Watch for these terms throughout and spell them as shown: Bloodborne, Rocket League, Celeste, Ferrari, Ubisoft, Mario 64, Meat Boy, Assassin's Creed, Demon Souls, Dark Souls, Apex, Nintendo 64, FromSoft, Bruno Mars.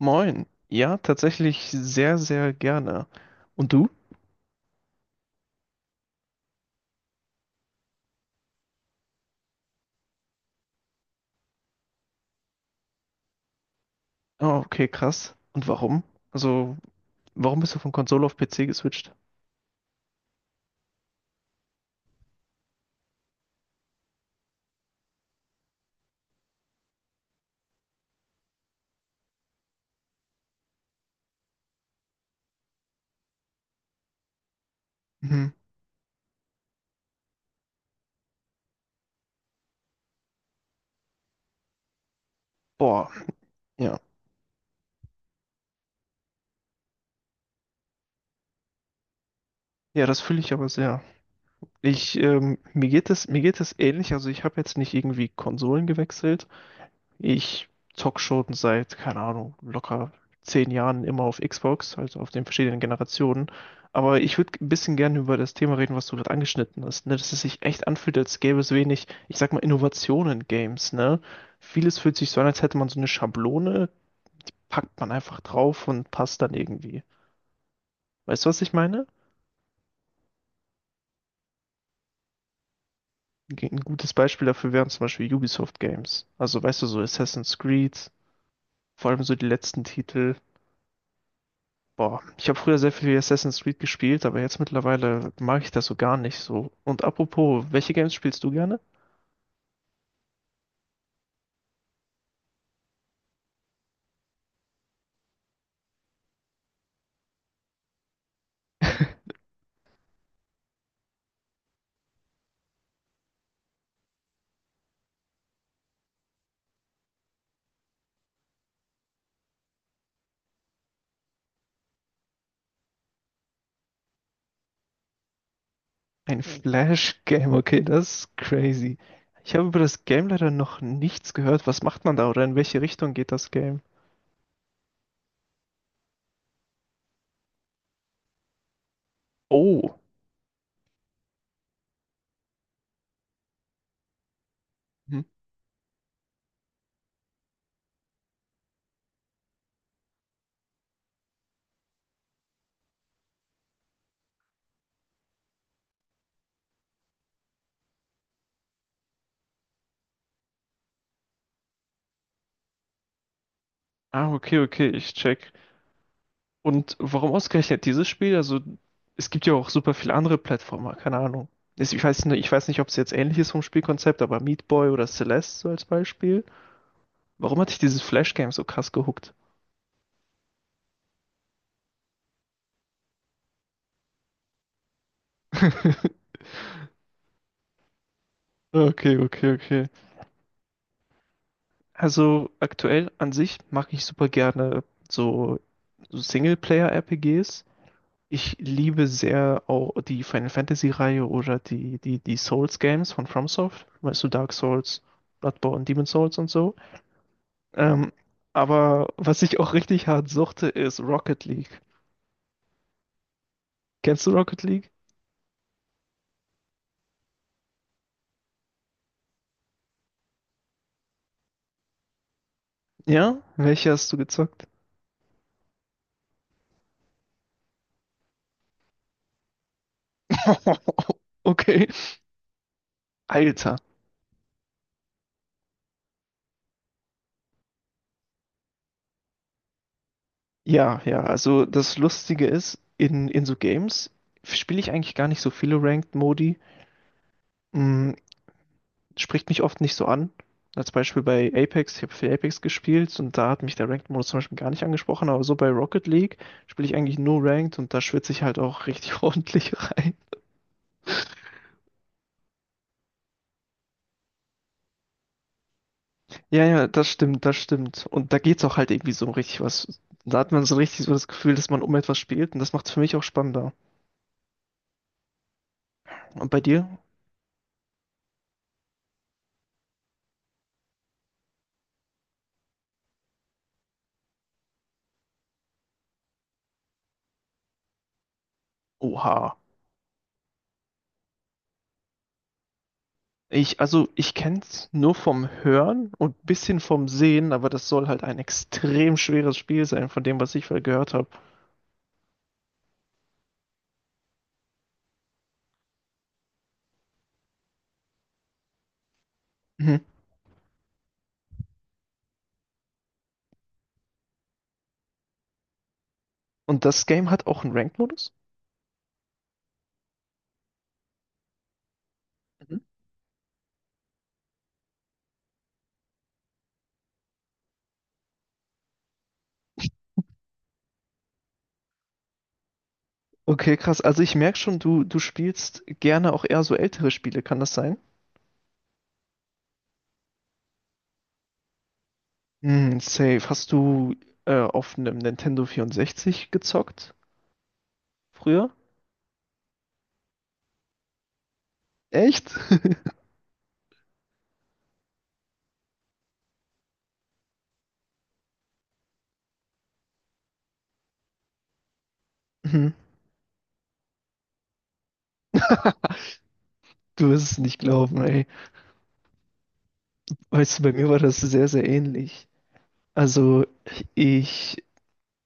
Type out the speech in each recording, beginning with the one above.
Moin. Ja, tatsächlich sehr, sehr gerne. Und du? Oh, okay, krass. Und warum? Also, warum bist du von Konsole auf PC geswitcht? Mhm. Boah, ja. Ja, das fühle ich aber sehr. Ich, mir geht es ähnlich. Also, ich habe jetzt nicht irgendwie Konsolen gewechselt. Ich zock schon seit, keine Ahnung, locker 10 Jahren immer auf Xbox, also auf den verschiedenen Generationen. Aber ich würde ein bisschen gerne über das Thema reden, was du gerade angeschnitten hast, ne? Dass es sich echt anfühlt, als gäbe es wenig, ich sag mal, Innovationen in Games, ne? Vieles fühlt sich so an, als hätte man so eine Schablone, packt man einfach drauf und passt dann irgendwie. Weißt du, was ich meine? Ein gutes Beispiel dafür wären zum Beispiel Ubisoft Games. Also, weißt du, so Assassin's Creed, vor allem so die letzten Titel. Boah, ich habe früher sehr viel Assassin's Creed gespielt, aber jetzt mittlerweile mag ich das so gar nicht so. Und apropos, welche Games spielst du gerne? Ein Flash-Game, okay, das ist crazy. Ich habe über das Game leider noch nichts gehört. Was macht man da oder in welche Richtung geht das Game? Oh. Hm. Ah, okay, okay, ich check. Und warum ausgerechnet dieses Spiel? Also, es gibt ja auch super viele andere Plattformer, keine Ahnung. Ich weiß nicht, ob es jetzt ähnlich ist vom Spielkonzept, aber Meat Boy oder Celeste so als Beispiel. Warum hat dich dieses Flash-Game so krass gehuckt? Okay, okay, okay. Also aktuell an sich mag ich super gerne so, so Singleplayer-RPGs. Ich liebe sehr auch die Final Fantasy-Reihe oder die Souls-Games von FromSoft. Weißt du, Dark Souls, Bloodborne, Demon Souls und so. Ähm, aber was ich auch richtig hart suchte, ist Rocket League. Kennst du Rocket League? Ja? Welche hast du gezockt? Okay. Alter. Ja, ja, also das Lustige ist, in so Games spiele ich eigentlich gar nicht so viele Ranked-Modi. Mm, spricht mich oft nicht so an. Als Beispiel bei Apex, ich habe viel Apex gespielt und da hat mich der Ranked-Modus zum Beispiel gar nicht angesprochen, aber so bei Rocket League spiele ich eigentlich nur Ranked und da schwitze ich halt auch richtig ordentlich rein. Ja, ja, das stimmt, das stimmt. Und da geht's auch halt irgendwie so um richtig was. Da hat man so richtig so das Gefühl, dass man um etwas spielt und das macht's für mich auch spannender. Und bei dir? Oha. Ich, also ich kenne es nur vom Hören und ein bisschen vom Sehen, aber das soll halt ein extrem schweres Spiel sein, von dem, was ich vorher gehört habe. Mhm. Und das Game hat auch einen Ranked-Modus? Mhm. Okay, krass. Also ich merke schon, du spielst gerne auch eher so ältere Spiele, kann das sein? Hm, safe. Hast du auf einem Nintendo 64 gezockt früher? Echt? Mhm. Du wirst es nicht glauben, ey. Weißt du, bei mir war das sehr, sehr ähnlich. Also ich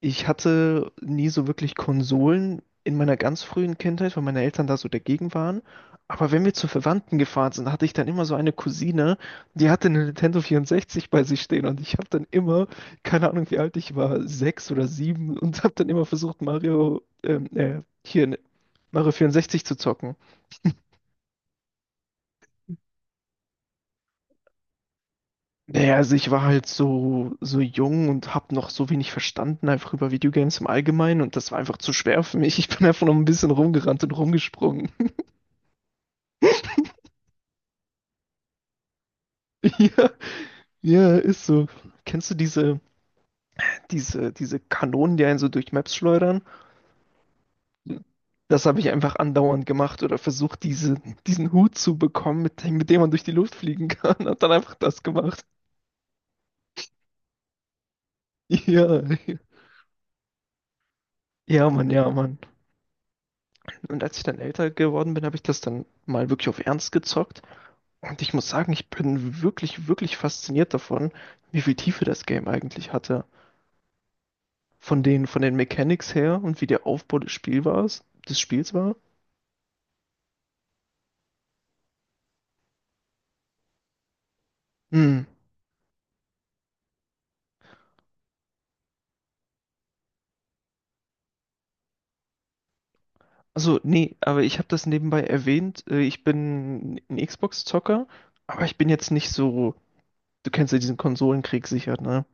ich hatte nie so wirklich Konsolen in meiner ganz frühen Kindheit, weil meine Eltern da so dagegen waren. Aber wenn wir zu Verwandten gefahren sind, hatte ich dann immer so eine Cousine, die hatte eine Nintendo 64 bei sich stehen und ich habe dann immer, keine Ahnung wie alt ich war, sechs oder sieben und habe dann immer versucht, hier, ne, Mario 64 zu zocken. Naja, also ich war halt so, so jung und habe noch so wenig verstanden, einfach über Videogames im Allgemeinen und das war einfach zu schwer für mich. Ich bin einfach noch ein bisschen rumgerannt und rumgesprungen. Ja, ja, ist so. Kennst du diese Kanonen, die einen so durch Maps schleudern? Das habe ich einfach andauernd gemacht oder versucht, diesen Hut zu bekommen, mit dem man durch die Luft fliegen kann. Hab dann einfach das gemacht. Ja, ja, Mann, ja, Mann. Und als ich dann älter geworden bin, habe ich das dann mal wirklich auf Ernst gezockt. Und ich muss sagen, ich bin wirklich, wirklich fasziniert davon, wie viel Tiefe das Game eigentlich hatte. Von von den Mechanics her und wie der Aufbau des Spiels war. Hm. Also, nee, aber ich habe das nebenbei erwähnt. Ich bin ein Xbox-Zocker, aber ich bin jetzt nicht so. Du kennst ja diesen Konsolenkrieg sicher, ne?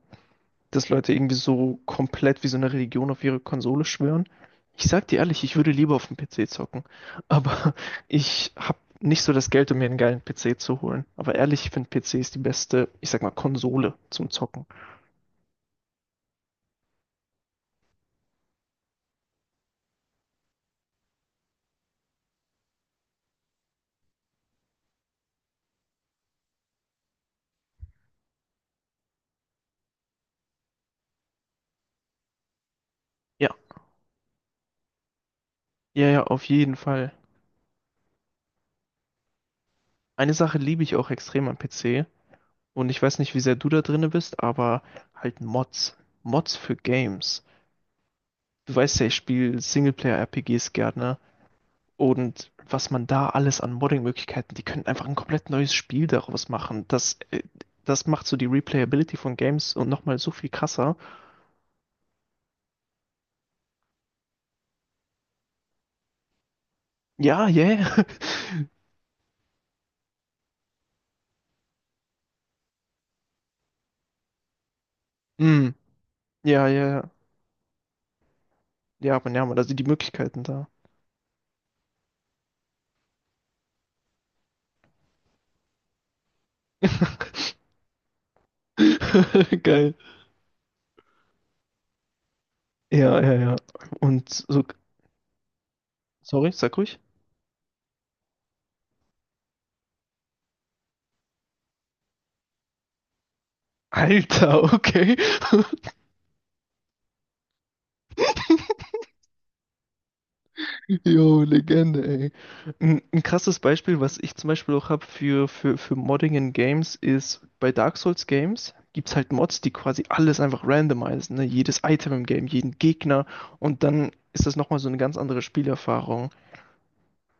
Dass Leute irgendwie so komplett wie so eine Religion auf ihre Konsole schwören. Ich sag dir ehrlich, ich würde lieber auf dem PC zocken. Aber ich hab nicht so das Geld, um mir einen geilen PC zu holen. Aber ehrlich, ich finde PC ist die beste, ich sag mal, Konsole zum Zocken. Ja, ja, ja, auf jeden Fall. Eine Sache liebe ich auch extrem am PC. Und ich weiß nicht, wie sehr du da drinne bist, aber halt Mods. Mods für Games. Du weißt ja, ich spiele Singleplayer-RPGs gerne. Und was man da alles an Modding-Möglichkeiten, die können einfach ein komplett neues Spiel daraus machen. Das macht so die Replayability von Games und nochmal so viel krasser. Ja, yeah. Hm. Ja, ja, ja. Ja, aber ja, man, da sind die Möglichkeiten da. Geil. Ja, ja, ja. Und so, sorry, sag ruhig. Alter, okay. Jo, Legende, ey. Ein krasses Beispiel, was ich zum Beispiel auch habe für, für Modding in Games, ist bei Dark Souls Games gibt es halt Mods, die quasi alles einfach randomisieren, ne? Jedes Item im Game, jeden Gegner und dann ist das nochmal so eine ganz andere Spielerfahrung.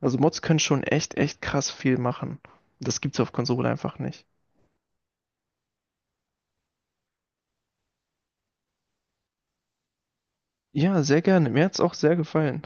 Also Mods können schon echt, echt krass viel machen. Das gibt's auf Konsole einfach nicht. Ja, sehr gerne. Mir hat's auch sehr gefallen.